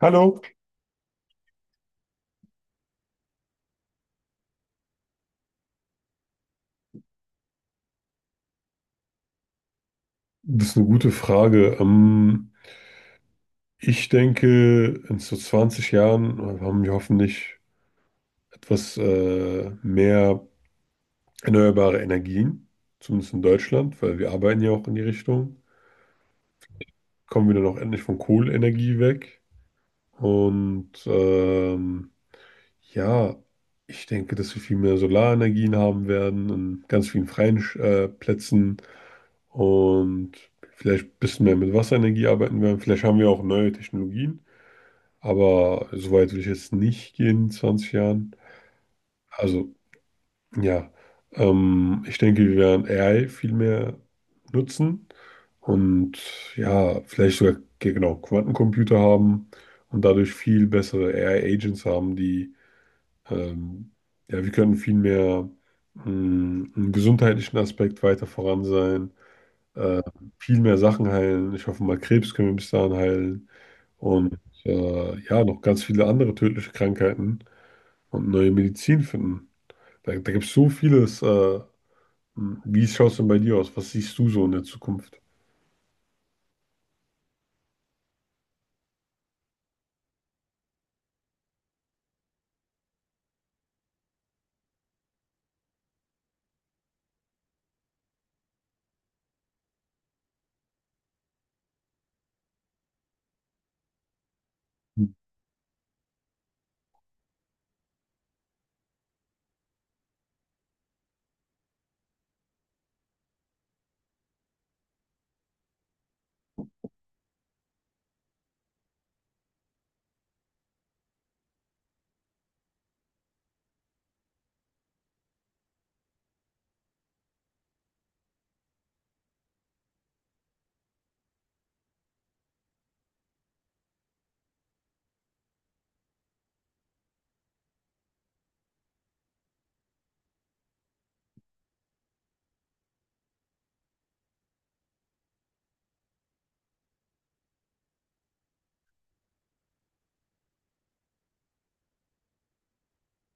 Hallo, das ist eine gute Frage. Ich denke, in so 20 Jahren haben wir hoffentlich etwas mehr erneuerbare Energien, zumindest in Deutschland, weil wir arbeiten ja auch in die Richtung. Kommen wir dann auch endlich von Kohleenergie weg. Und ähm, ja, ich denke, dass wir viel mehr Solarenergien haben werden in ganz vielen freien Plätzen und vielleicht ein bisschen mehr mit Wasserenergie arbeiten werden. Vielleicht haben wir auch neue Technologien. Aber so weit will ich jetzt nicht gehen in 20 Jahren. Also, ja, ich denke, wir werden AI viel mehr nutzen und ja, vielleicht sogar genau Quantencomputer haben und dadurch viel bessere AI-Agents haben, die ähm, ja, wir können viel mehr, mh, im gesundheitlichen Aspekt weiter voran sein, äh, viel mehr Sachen heilen. Ich hoffe mal, Krebs können wir bis dahin heilen und ja, noch ganz viele andere tödliche Krankheiten und neue Medizin finden. Da gibt es so vieles. Wie schaut es denn bei dir aus? Was siehst du so in der Zukunft?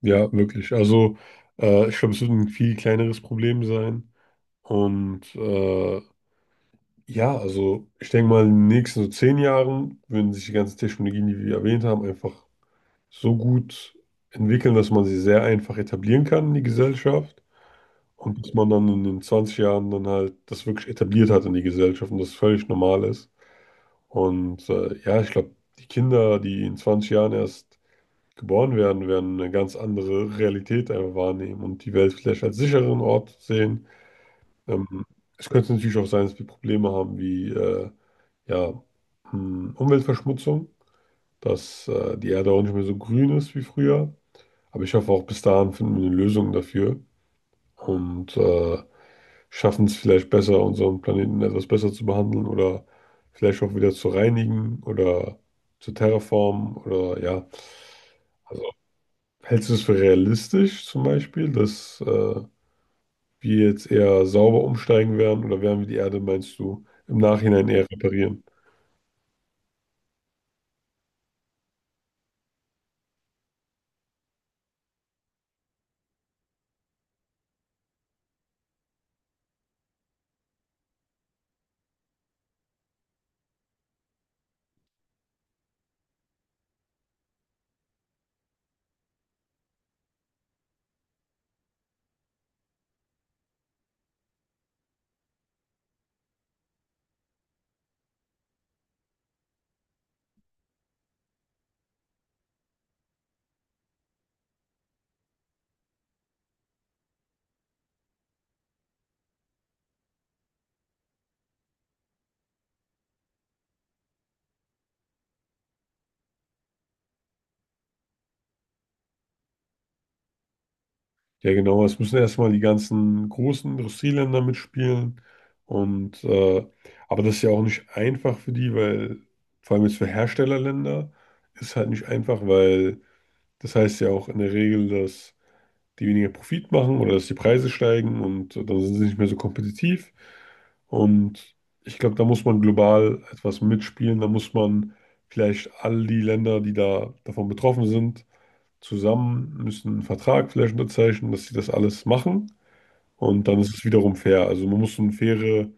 Ja, wirklich. Also, ich glaube, es wird ein viel kleineres Problem sein. Und äh, ja, also, ich denke mal, in den nächsten so 10 Jahren würden sich die ganzen Technologien, die wir erwähnt haben, einfach so gut entwickeln, dass man sie sehr einfach etablieren kann in die Gesellschaft. Und dass man dann in den 20 Jahren dann halt das wirklich etabliert hat in die Gesellschaft und das völlig normal ist. Ja, ich glaube, die Kinder, die in 20 Jahren erst geboren werden, werden eine ganz andere Realität einfach wahrnehmen und die Welt vielleicht als sicheren Ort sehen. Ähm, Es könnte natürlich auch sein, dass wir Probleme haben wie ja, Umweltverschmutzung, dass die Erde auch nicht mehr so grün ist wie früher. Aber ich hoffe, auch bis dahin finden wir eine Lösung dafür und schaffen es vielleicht besser, unseren Planeten etwas besser zu behandeln oder vielleicht auch wieder zu reinigen oder zu terraformen oder ja. Also hältst du es für realistisch zum Beispiel, dass wir jetzt eher sauber umsteigen werden oder werden wir die Erde, meinst du, im Nachhinein eher reparieren? Ja, genau. Es müssen erstmal die ganzen großen Industrieländer mitspielen. Und äh, aber das ist ja auch nicht einfach für die, weil vor allem jetzt für Herstellerländer ist halt nicht einfach, weil das heißt ja auch in der Regel, dass die weniger Profit machen oder dass die Preise steigen und dann sind sie nicht mehr so kompetitiv. Und ich glaube, da muss man global etwas mitspielen. Da muss man vielleicht all die Länder, die da davon betroffen sind, zusammen, müssen einen Vertrag vielleicht unterzeichnen, dass sie das alles machen. Und dann ist es wiederum fair. Also man muss so eine faire,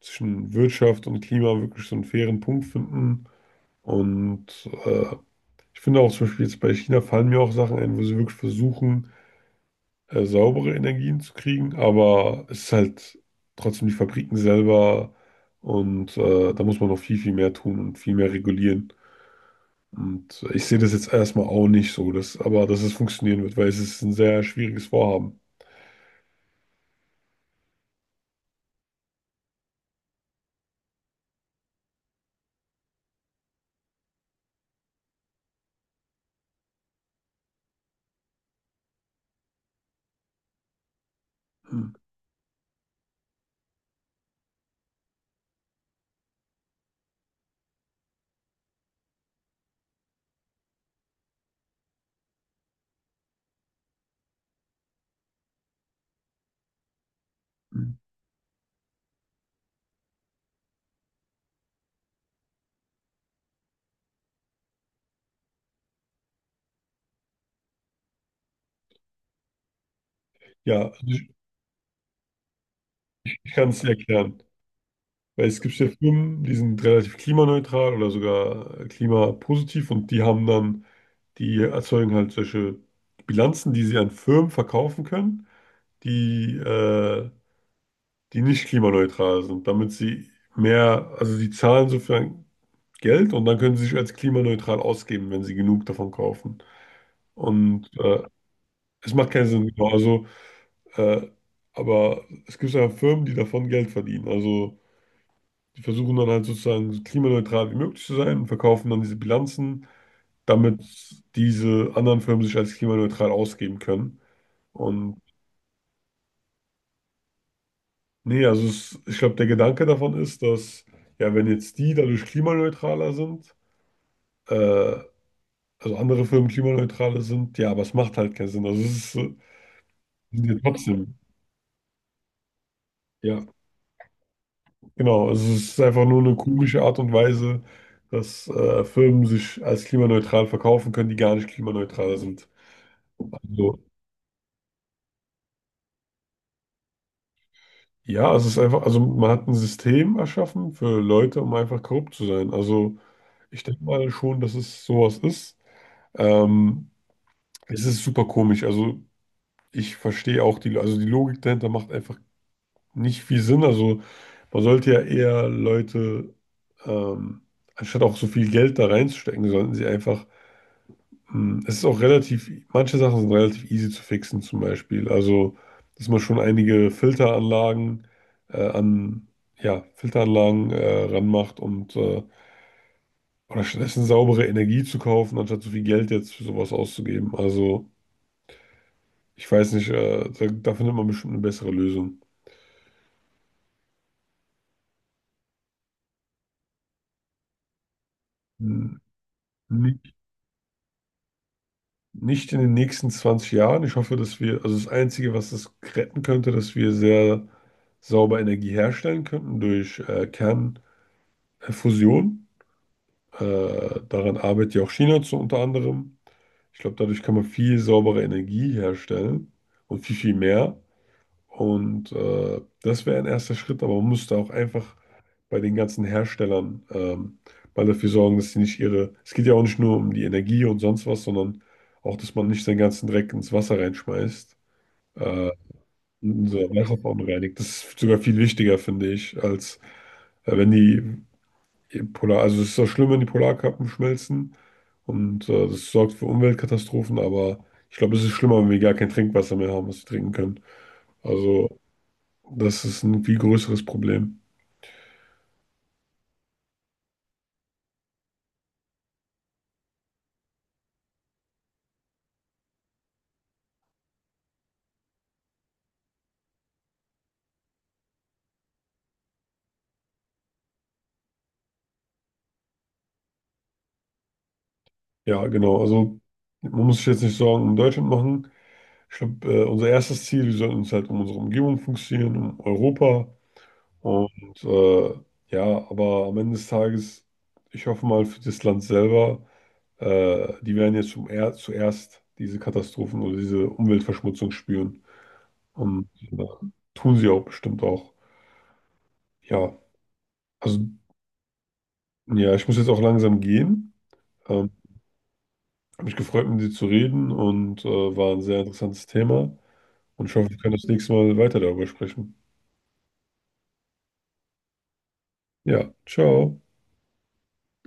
zwischen Wirtschaft und Klima wirklich so einen fairen Punkt finden. Und äh, ich finde auch zum Beispiel jetzt bei China fallen mir auch Sachen ein, wo sie wirklich versuchen, saubere Energien zu kriegen. Aber es ist halt trotzdem die Fabriken selber. Da muss man noch viel, viel mehr tun und viel mehr regulieren. Und ich sehe das jetzt erstmal auch nicht so, dass, aber dass es funktionieren wird, weil es ist ein sehr schwieriges Vorhaben. Mhm. Ja, also ich kann es dir erklären. Weil es gibt ja Firmen, die sind relativ klimaneutral oder sogar klimapositiv die erzeugen halt solche Bilanzen, die sie an Firmen verkaufen können, die, äh, die nicht klimaneutral sind, damit also sie zahlen sozusagen Geld und dann können sie sich als klimaneutral ausgeben, wenn sie genug davon kaufen. Und äh, Es macht keinen Sinn, genau. Also, äh, aber es gibt ja Firmen, die davon Geld verdienen. Also, die versuchen dann halt sozusagen so klimaneutral wie möglich zu sein und verkaufen dann diese Bilanzen, damit diese anderen Firmen sich als klimaneutral ausgeben können. Und nee, also ich glaube, der Gedanke davon ist, dass ja, wenn jetzt die dadurch klimaneutraler sind, äh, also andere Firmen klimaneutraler sind, ja, aber es macht halt keinen Sinn. Also, ist, äh, sind ja trotzdem, ja. Genau, also es ist einfach nur eine komische Art und Weise, dass Firmen sich als klimaneutral verkaufen können, die gar nicht klimaneutral sind. Also ja, es ist einfach, also man hat ein System erschaffen für Leute, um einfach korrupt zu sein. Also ich denke mal schon, dass es sowas ist. Ähm, Es ist super komisch. Also ich verstehe auch also die Logik dahinter macht einfach nicht viel Sinn. Also man sollte ja eher ähm, anstatt auch so viel Geld da reinzustecken, sollten sie einfach. Es ist auch relativ, manche Sachen sind relativ easy zu fixen, zum Beispiel. Also, dass man schon einige äh, an, ja, Filteranlagen ranmacht und oder stattdessen saubere Energie zu kaufen, anstatt so viel Geld jetzt für sowas auszugeben. Also, ich weiß nicht, da findet man bestimmt eine bessere Lösung. Hm, Nicht, nicht in den nächsten 20 Jahren. Ich hoffe, dass wir, also das Einzige, was das retten könnte, dass wir sehr sauber Energie herstellen könnten durch Kernfusion. Daran arbeitet ja auch China zu unter anderem. Ich glaube, dadurch kann man viel saubere Energie herstellen und viel, viel mehr. Das wäre ein erster Schritt, aber man müsste auch einfach bei den ganzen Herstellern mal dafür sorgen, dass sie nicht ihre. Es geht ja auch nicht nur um die Energie und sonst was, sondern auch, dass man nicht seinen ganzen Dreck ins Wasser reinschmeißt. Äh, und unser Wasser verunreinigt. Das ist sogar viel wichtiger, finde ich, als wenn die also es ist auch schlimm, wenn die Polarkappen schmelzen und das sorgt für Umweltkatastrophen, aber ich glaube, es ist schlimmer, wenn wir gar kein Trinkwasser mehr haben, was wir trinken können. Also das ist ein viel größeres Problem. Ja, genau. Also man muss sich jetzt nicht Sorgen um Deutschland machen. Ich glaube, unser erstes Ziel, wir sollten uns halt um unsere Umgebung fokussieren, um Europa. Und äh, ja, aber am Ende des Tages, ich hoffe mal für das Land selber, die werden jetzt zum er zuerst diese Katastrophen oder diese Umweltverschmutzung spüren. Und äh, tun sie auch bestimmt auch. Ja, also ja, ich muss jetzt auch langsam gehen. Ähm, Habe mich gefreut, mit dir zu reden und war ein sehr interessantes Thema. Und ich hoffe, wir können das nächste Mal weiter darüber sprechen. Ja, ciao.